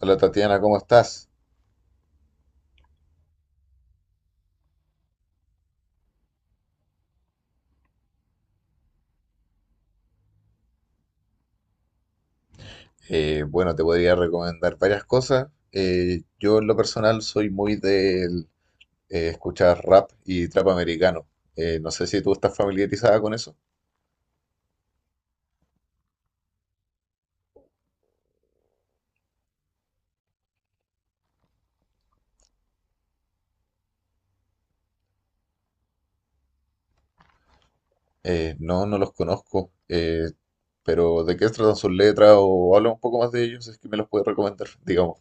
Hola Tatiana, ¿cómo estás? Bueno, te podría recomendar varias cosas. Yo en lo personal soy muy de escuchar rap y trap americano. No sé si tú estás familiarizada con eso. No, no los conozco. Pero ¿de qué tratan sus letras o habla un poco más de ellos? Si es que me los puedes recomendar, digamos.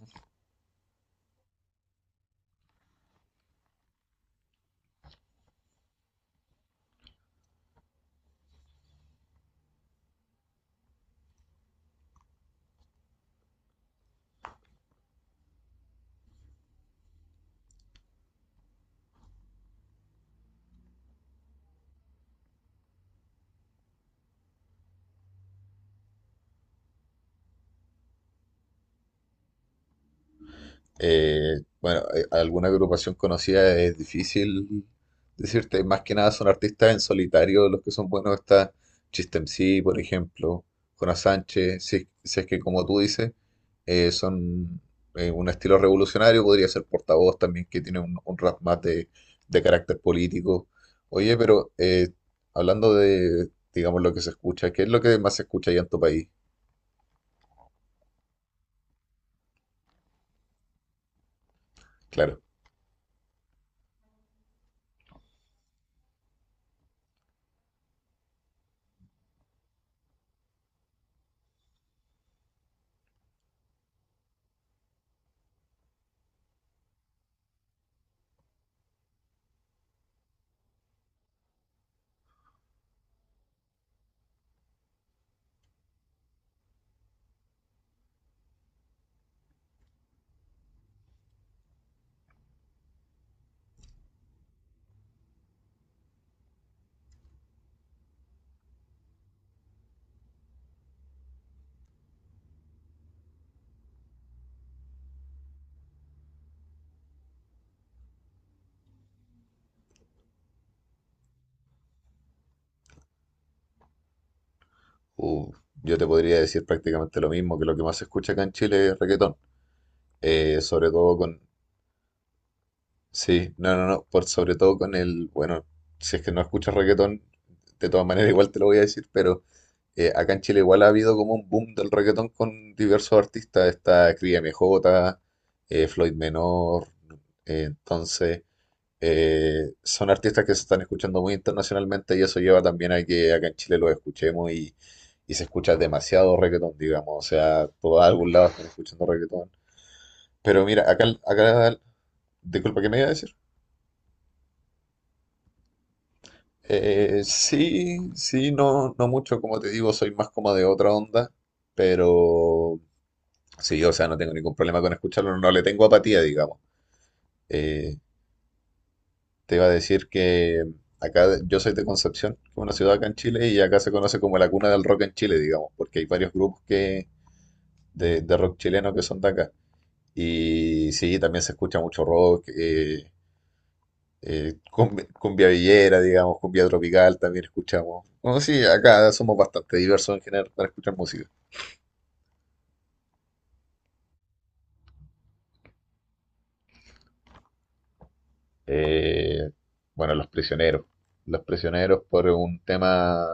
Bueno, alguna agrupación conocida es difícil decirte, más que nada son artistas en solitario los que son buenos. Está Chistemsi, por ejemplo, Jonas Sánchez. Si, es, si es que como tú dices, son un estilo revolucionario. Podría ser Portavoz también, que tiene un rap más de carácter político. Oye, pero hablando de, digamos, lo que se escucha, ¿qué es lo que más se escucha allá en tu país? Claro. Uh, yo te podría decir prácticamente lo mismo, que lo que más se escucha acá en Chile es reggaetón. Sobre todo con... Sí, no, no, no, por sobre todo con el... Bueno, si es que no escuchas reggaetón, de todas maneras igual te lo voy a decir, pero acá en Chile igual ha habido como un boom del reggaetón con diversos artistas. Está Cría MJ, Floyd Menor, entonces... Son artistas que se están escuchando muy internacionalmente y eso lleva también a que acá en Chile los escuchemos y se escucha demasiado reggaetón, digamos. O sea, por algún lado están escuchando reggaetón. Pero mira, acá, disculpa, ¿qué me iba a decir? Sí, sí, no, no mucho, como te digo, soy más como de otra onda, pero sí, o sea, no tengo ningún problema con escucharlo, no, no le tengo apatía, digamos. Eh, Te iba a decir que acá yo soy de Concepción, que es una ciudad acá en Chile, y acá se conoce como la cuna del rock en Chile, digamos, porque hay varios grupos que, de rock chileno que son de acá. Y sí, también se escucha mucho rock, cumbia, cumbia villera, digamos, cumbia tropical también escuchamos. Bueno, sí, acá somos bastante diversos en general para escuchar música. Eh, bueno, Los Prisioneros. Los Prisioneros por un tema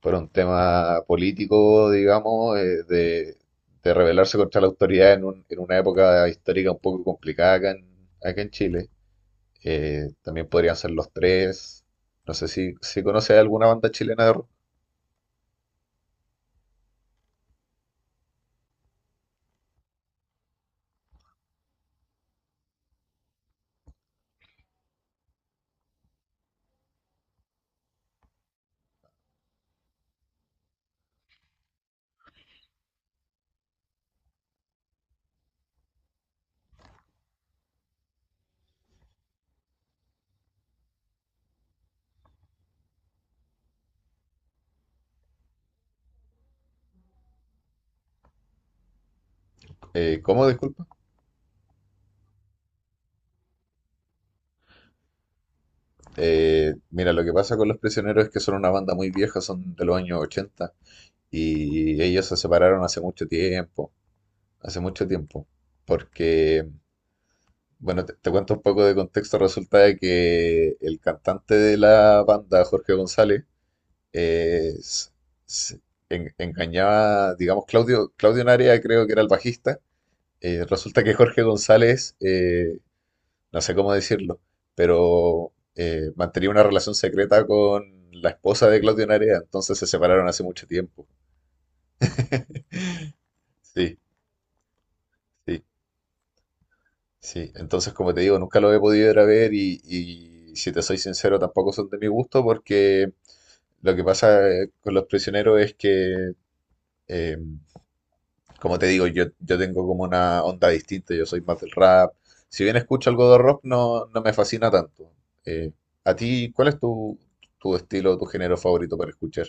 por un tema político, digamos, de rebelarse contra la autoridad en, en una época histórica un poco complicada acá en Chile. También podrían ser Los Tres. No sé si, si conoces alguna banda chilena de rock. ¿Cómo? Disculpa. Mira, lo que pasa con Los Prisioneros es que son una banda muy vieja, son de los años 80 y ellos se separaron hace mucho tiempo, porque... Bueno, te cuento un poco de contexto. Resulta de que el cantante de la banda, Jorge González, eh, s- s- engañaba, digamos, Claudio Narea, creo que era el bajista. Resulta que Jorge González, no sé cómo decirlo, pero mantenía una relación secreta con la esposa de Claudio Narea, entonces se separaron hace mucho tiempo. Sí, sí. Sí, entonces como te digo, nunca lo he podido ir a ver y si te soy sincero, tampoco son de mi gusto porque lo que pasa con los prisioneros es que, eh, como te digo, yo tengo como una onda distinta, yo soy más del rap. Si bien escucho algo de rock, no, no me fascina tanto. Eh, ¿A ti cuál es tu estilo, tu género favorito para escuchar?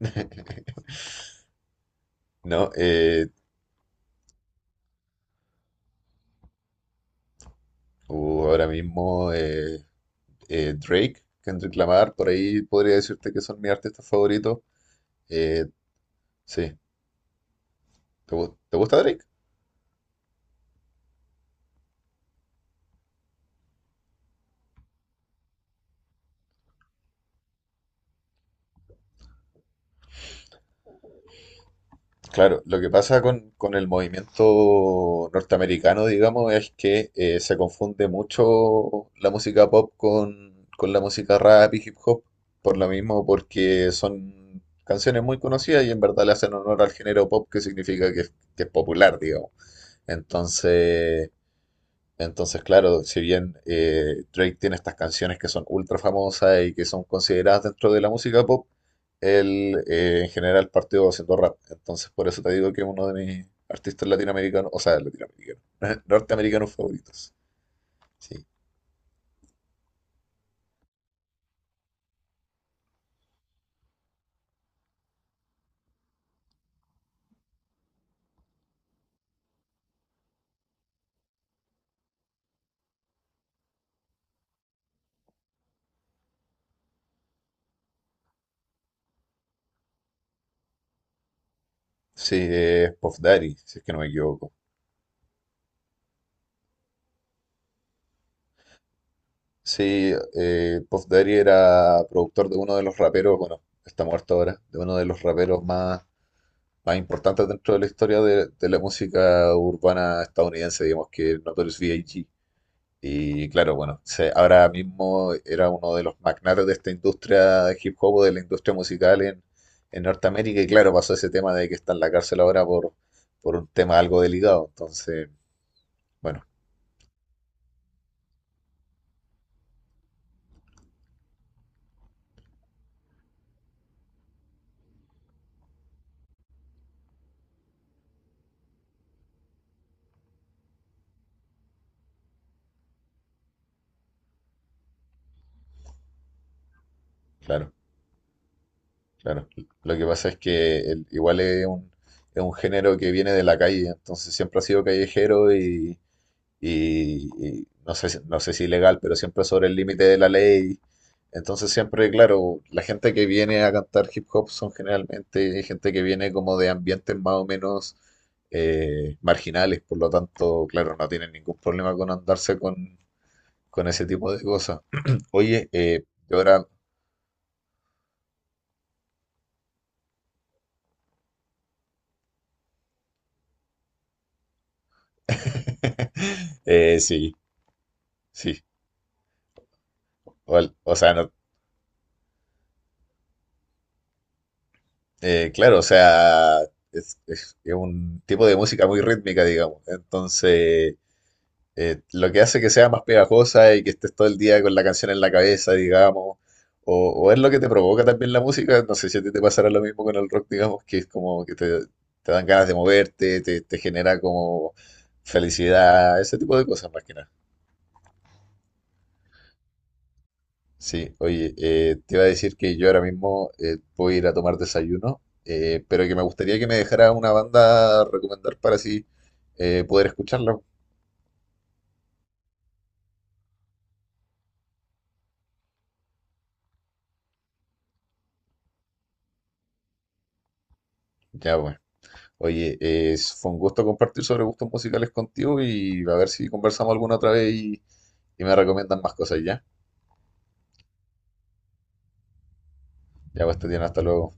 No, ahora mismo Drake, Kendrick Lamar, por ahí podría decirte que son mis artistas favoritos. Eh, Sí. ¿Te gusta Drake? Claro, lo que pasa con el movimiento norteamericano, digamos, es que se confunde mucho la música pop con la música rap y hip hop, por lo mismo, porque son canciones muy conocidas y en verdad le hacen honor al género pop, que significa que, que es popular, digamos. Entonces, Entonces, claro, si bien Drake tiene estas canciones que son ultra famosas y que son consideradas dentro de la música pop, él en general partió haciendo rap. Entonces, por eso te digo que es uno de mis artistas latinoamericanos, o sea, latinoamericanos, norteamericanos favoritos. Sí, sí, es Puff Daddy, si es que no me equivoco. Sí, Puff Daddy era productor de uno de los raperos, bueno, está muerto ahora, de uno de los raperos más importantes dentro de la historia de la música urbana estadounidense, digamos que es Notorious B.I.G. Y claro, bueno, ahora mismo era uno de los magnates de esta industria de hip hop, o de la industria musical en Norteamérica, y claro, pasó ese tema de que está en la cárcel ahora por un tema algo delicado. Entonces, bueno, claro, claro. Lo que pasa es que igual es un género que viene de la calle, entonces siempre ha sido callejero y no sé, no sé si ilegal, pero siempre sobre el límite de la ley. Entonces siempre, claro, la gente que viene a cantar hip hop son generalmente gente que viene como de ambientes más o menos marginales, por lo tanto, claro, no tienen ningún problema con andarse con ese tipo de cosas. Oye, yo ahora... Sí, sí. O sea, no, claro, o sea, es un tipo de música muy rítmica, digamos. Entonces, lo que hace que sea más pegajosa y que estés todo el día con la canción en la cabeza, digamos, o es lo que te provoca también la música, no sé si a ti te pasará lo mismo con el rock, digamos, que es como que te dan ganas de moverte, te genera como felicidad, ese tipo de cosas más que nada. Sí, oye, te iba a decir que yo ahora mismo voy a ir a tomar desayuno, pero que me gustaría que me dejara una banda a recomendar para así poder escucharla. Ya, pues. Oye, fue un gusto compartir sobre gustos musicales contigo y a ver si conversamos alguna otra vez y me recomiendan más cosas ya. Ya, pues, Tatiana, hasta luego.